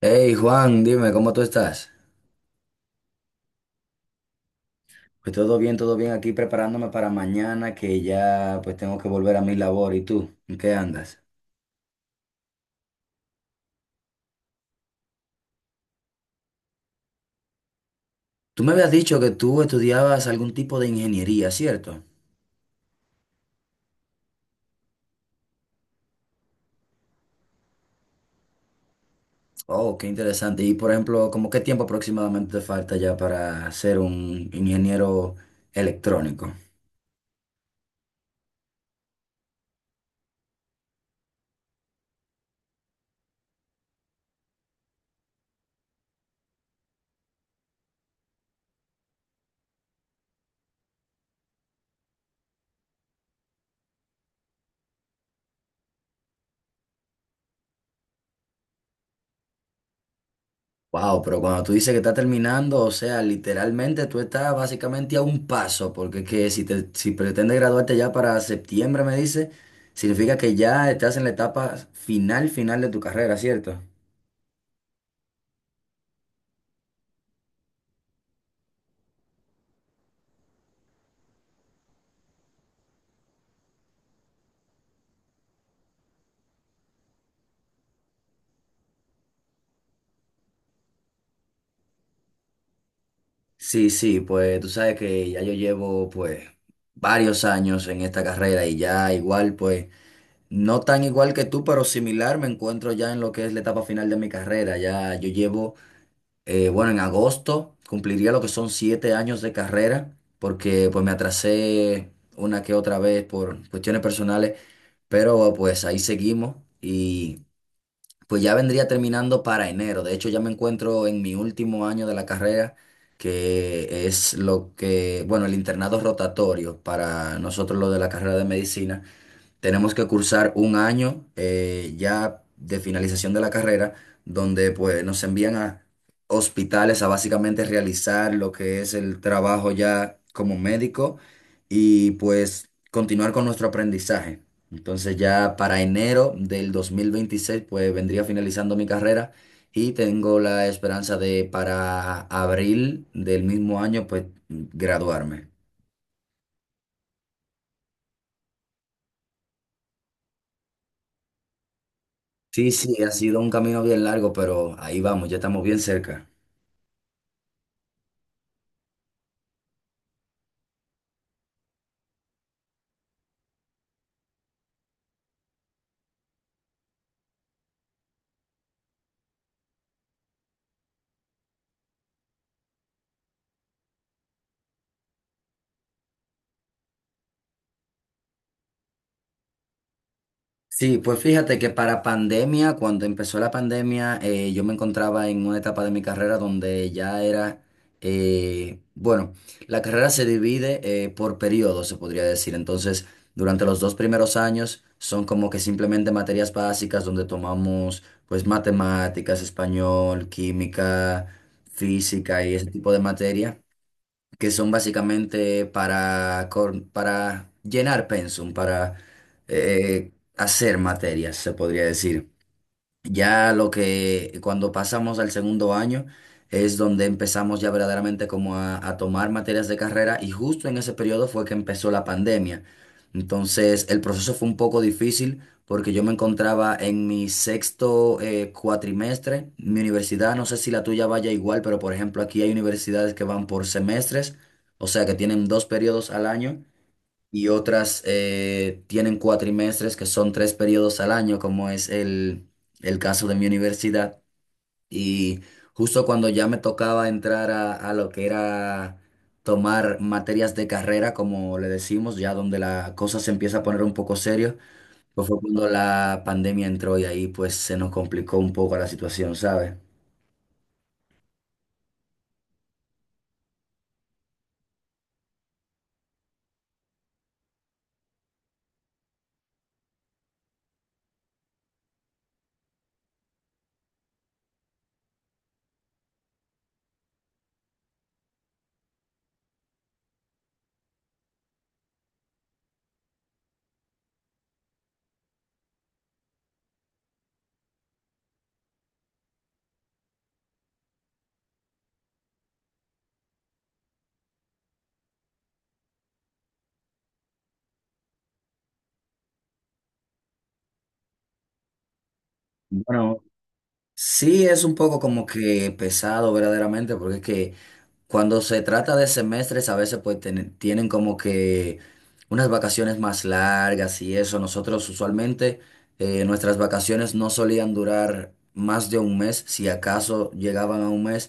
Hey Juan, dime, ¿cómo tú estás? Pues todo bien aquí preparándome para mañana que ya pues tengo que volver a mi labor. ¿Y tú? ¿En qué andas? Tú me habías dicho que tú estudiabas algún tipo de ingeniería, ¿cierto? Oh, qué interesante. Y por ejemplo, ¿cómo qué tiempo aproximadamente te falta ya para ser un ingeniero electrónico? Wow, pero cuando tú dices que está terminando, o sea, literalmente tú estás básicamente a un paso, porque es que si te, si pretendes graduarte ya para septiembre, me dice, significa que ya estás en la etapa final, final de tu carrera, ¿cierto? Sí, sí, pues tú sabes que ya yo llevo pues varios años en esta carrera y ya igual pues no tan igual que tú, pero similar me encuentro ya en lo que es la etapa final de mi carrera. Ya yo llevo Bueno, en agosto cumpliría lo que son siete años de carrera, porque pues me atrasé una que otra vez por cuestiones personales, pero pues ahí seguimos y pues ya vendría terminando para enero. De hecho, ya me encuentro en mi último año de la carrera, que es lo que, bueno, el internado rotatorio para nosotros lo de la carrera de medicina. Tenemos que cursar un año ya de finalización de la carrera, donde pues nos envían a hospitales a básicamente realizar lo que es el trabajo ya como médico y pues continuar con nuestro aprendizaje. Entonces ya para enero del 2026 pues vendría finalizando mi carrera y tengo la esperanza de para abril del mismo año pues graduarme. Sí, sí, ha sido un camino bien largo, pero ahí vamos, ya estamos bien cerca. Sí, pues fíjate que para pandemia, cuando empezó la pandemia, yo me encontraba en una etapa de mi carrera donde ya era, bueno, la carrera se divide por periodos, se podría decir. Entonces, durante los dos primeros años son como que simplemente materias básicas donde tomamos pues matemáticas, español, química, física y ese tipo de materia que son básicamente para, para llenar pensum, para hacer materias, se podría decir. Ya lo que cuando pasamos al segundo año es donde empezamos ya verdaderamente como a tomar materias de carrera y justo en ese periodo fue que empezó la pandemia. Entonces el proceso fue un poco difícil porque yo me encontraba en mi sexto cuatrimestre. Mi universidad, no sé si la tuya vaya igual, pero por ejemplo aquí hay universidades que van por semestres, o sea que tienen dos periodos al año y otras tienen cuatrimestres que son tres periodos al año, como es el caso de mi universidad. Y justo cuando ya me tocaba entrar a lo que era tomar materias de carrera, como le decimos, ya donde la cosa se empieza a poner un poco serio, pues fue cuando la pandemia entró y ahí pues se nos complicó un poco la situación, ¿sabes? Bueno, sí es un poco como que pesado verdaderamente, porque es que... Cuando se trata de semestres, a veces pues tienen como que unas vacaciones más largas y eso. Nosotros usualmente nuestras vacaciones no solían durar más de un mes, si acaso llegaban a un mes,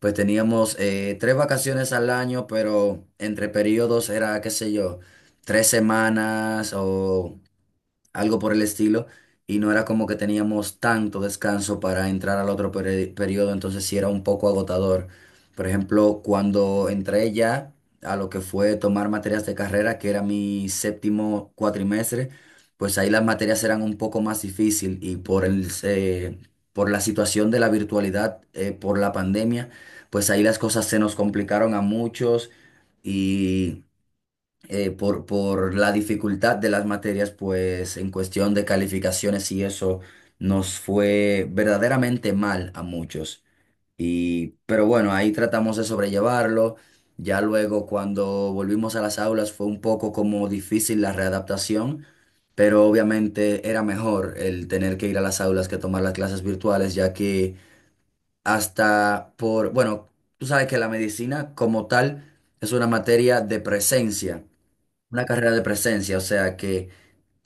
pues teníamos tres vacaciones al año, pero entre periodos era, qué sé yo, tres semanas o algo por el estilo, y no era como que teníamos tanto descanso para entrar al otro periodo, entonces sí era un poco agotador. Por ejemplo, cuando entré ya a lo que fue tomar materias de carrera, que era mi séptimo cuatrimestre, pues ahí las materias eran un poco más difícil y por el, por la situación de la virtualidad, por la pandemia, pues ahí las cosas se nos complicaron a muchos. Y por la dificultad de las materias, pues en cuestión de calificaciones y eso nos fue verdaderamente mal a muchos. Y, pero bueno, ahí tratamos de sobrellevarlo. Ya luego cuando volvimos a las aulas fue un poco como difícil la readaptación, pero obviamente era mejor el tener que ir a las aulas que tomar las clases virtuales, ya que hasta por, bueno, tú sabes que la medicina como tal es una materia de presencia. Una carrera de presencia, o sea que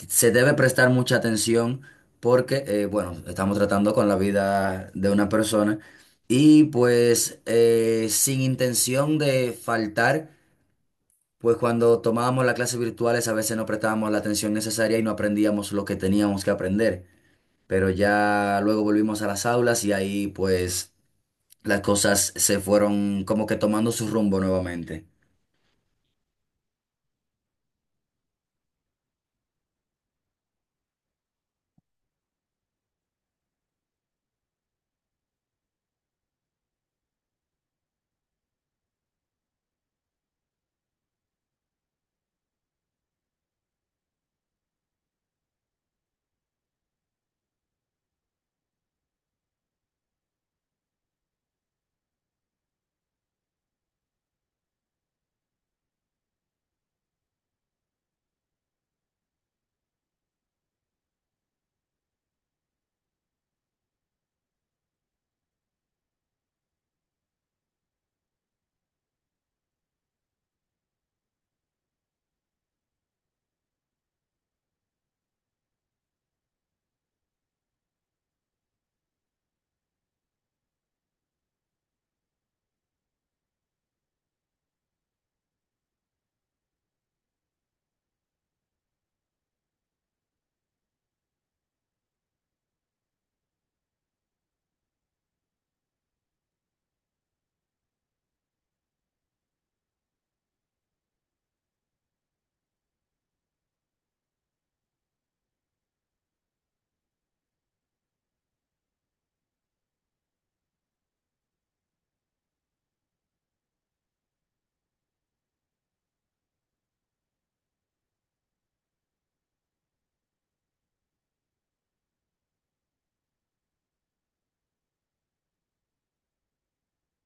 se debe prestar mucha atención porque, bueno, estamos tratando con la vida de una persona y pues sin intención de faltar, pues cuando tomábamos las clases virtuales a veces no prestábamos la atención necesaria y no aprendíamos lo que teníamos que aprender, pero ya luego volvimos a las aulas y ahí pues las cosas se fueron como que tomando su rumbo nuevamente.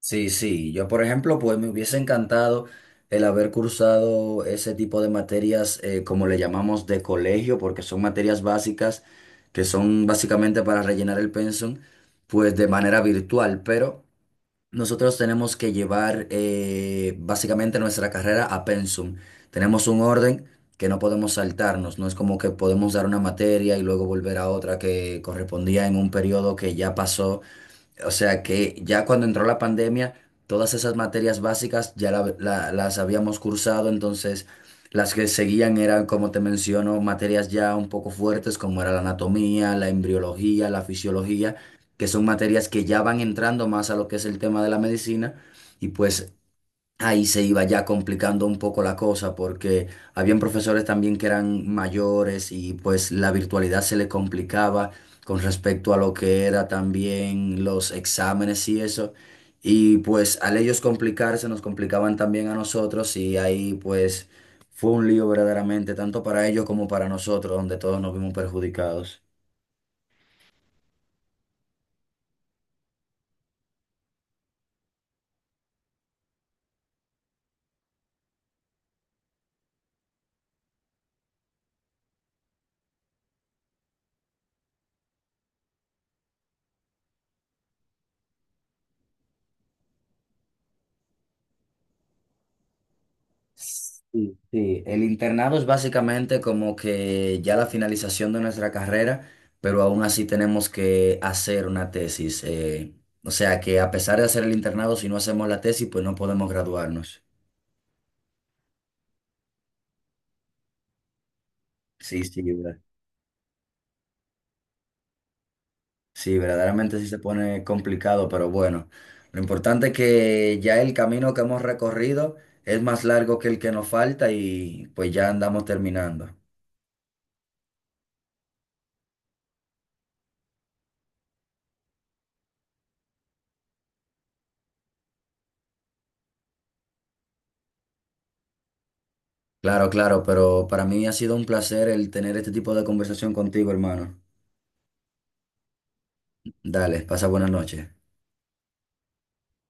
Sí, sí, yo por ejemplo, pues me hubiese encantado el haber cursado ese tipo de materias, como le llamamos de colegio, porque son materias básicas que son básicamente para rellenar el pensum, pues de manera virtual, pero nosotros tenemos que llevar básicamente nuestra carrera a pensum. Tenemos un orden que no podemos saltarnos, no es como que podemos dar una materia y luego volver a otra que correspondía en un periodo que ya pasó, o sea que ya cuando entró la pandemia, todas esas materias básicas ya las habíamos cursado, entonces las que seguían eran, como te menciono, materias ya un poco fuertes, como era la anatomía, la embriología, la fisiología, que son materias que ya van entrando más a lo que es el tema de la medicina, y pues ahí se iba ya complicando un poco la cosa porque habían profesores también que eran mayores y pues la virtualidad se le complicaba con respecto a lo que era también los exámenes y eso. Y pues al ellos complicarse nos complicaban también a nosotros y ahí pues fue un lío verdaderamente, tanto para ellos como para nosotros, donde todos nos vimos perjudicados. Sí, sí. El internado es básicamente como que ya la finalización de nuestra carrera, pero aún así tenemos que hacer una tesis. O sea que a pesar de hacer el internado, si no hacemos la tesis, pues no podemos graduarnos. Sí, sí, sí, verdaderamente sí se pone complicado, pero bueno, lo importante es que ya el camino que hemos recorrido es más largo que el que nos falta y pues ya andamos terminando. Claro, claro, pero para mí ha sido un placer el tener este tipo de conversación contigo, hermano. Dale, pasa buenas noches.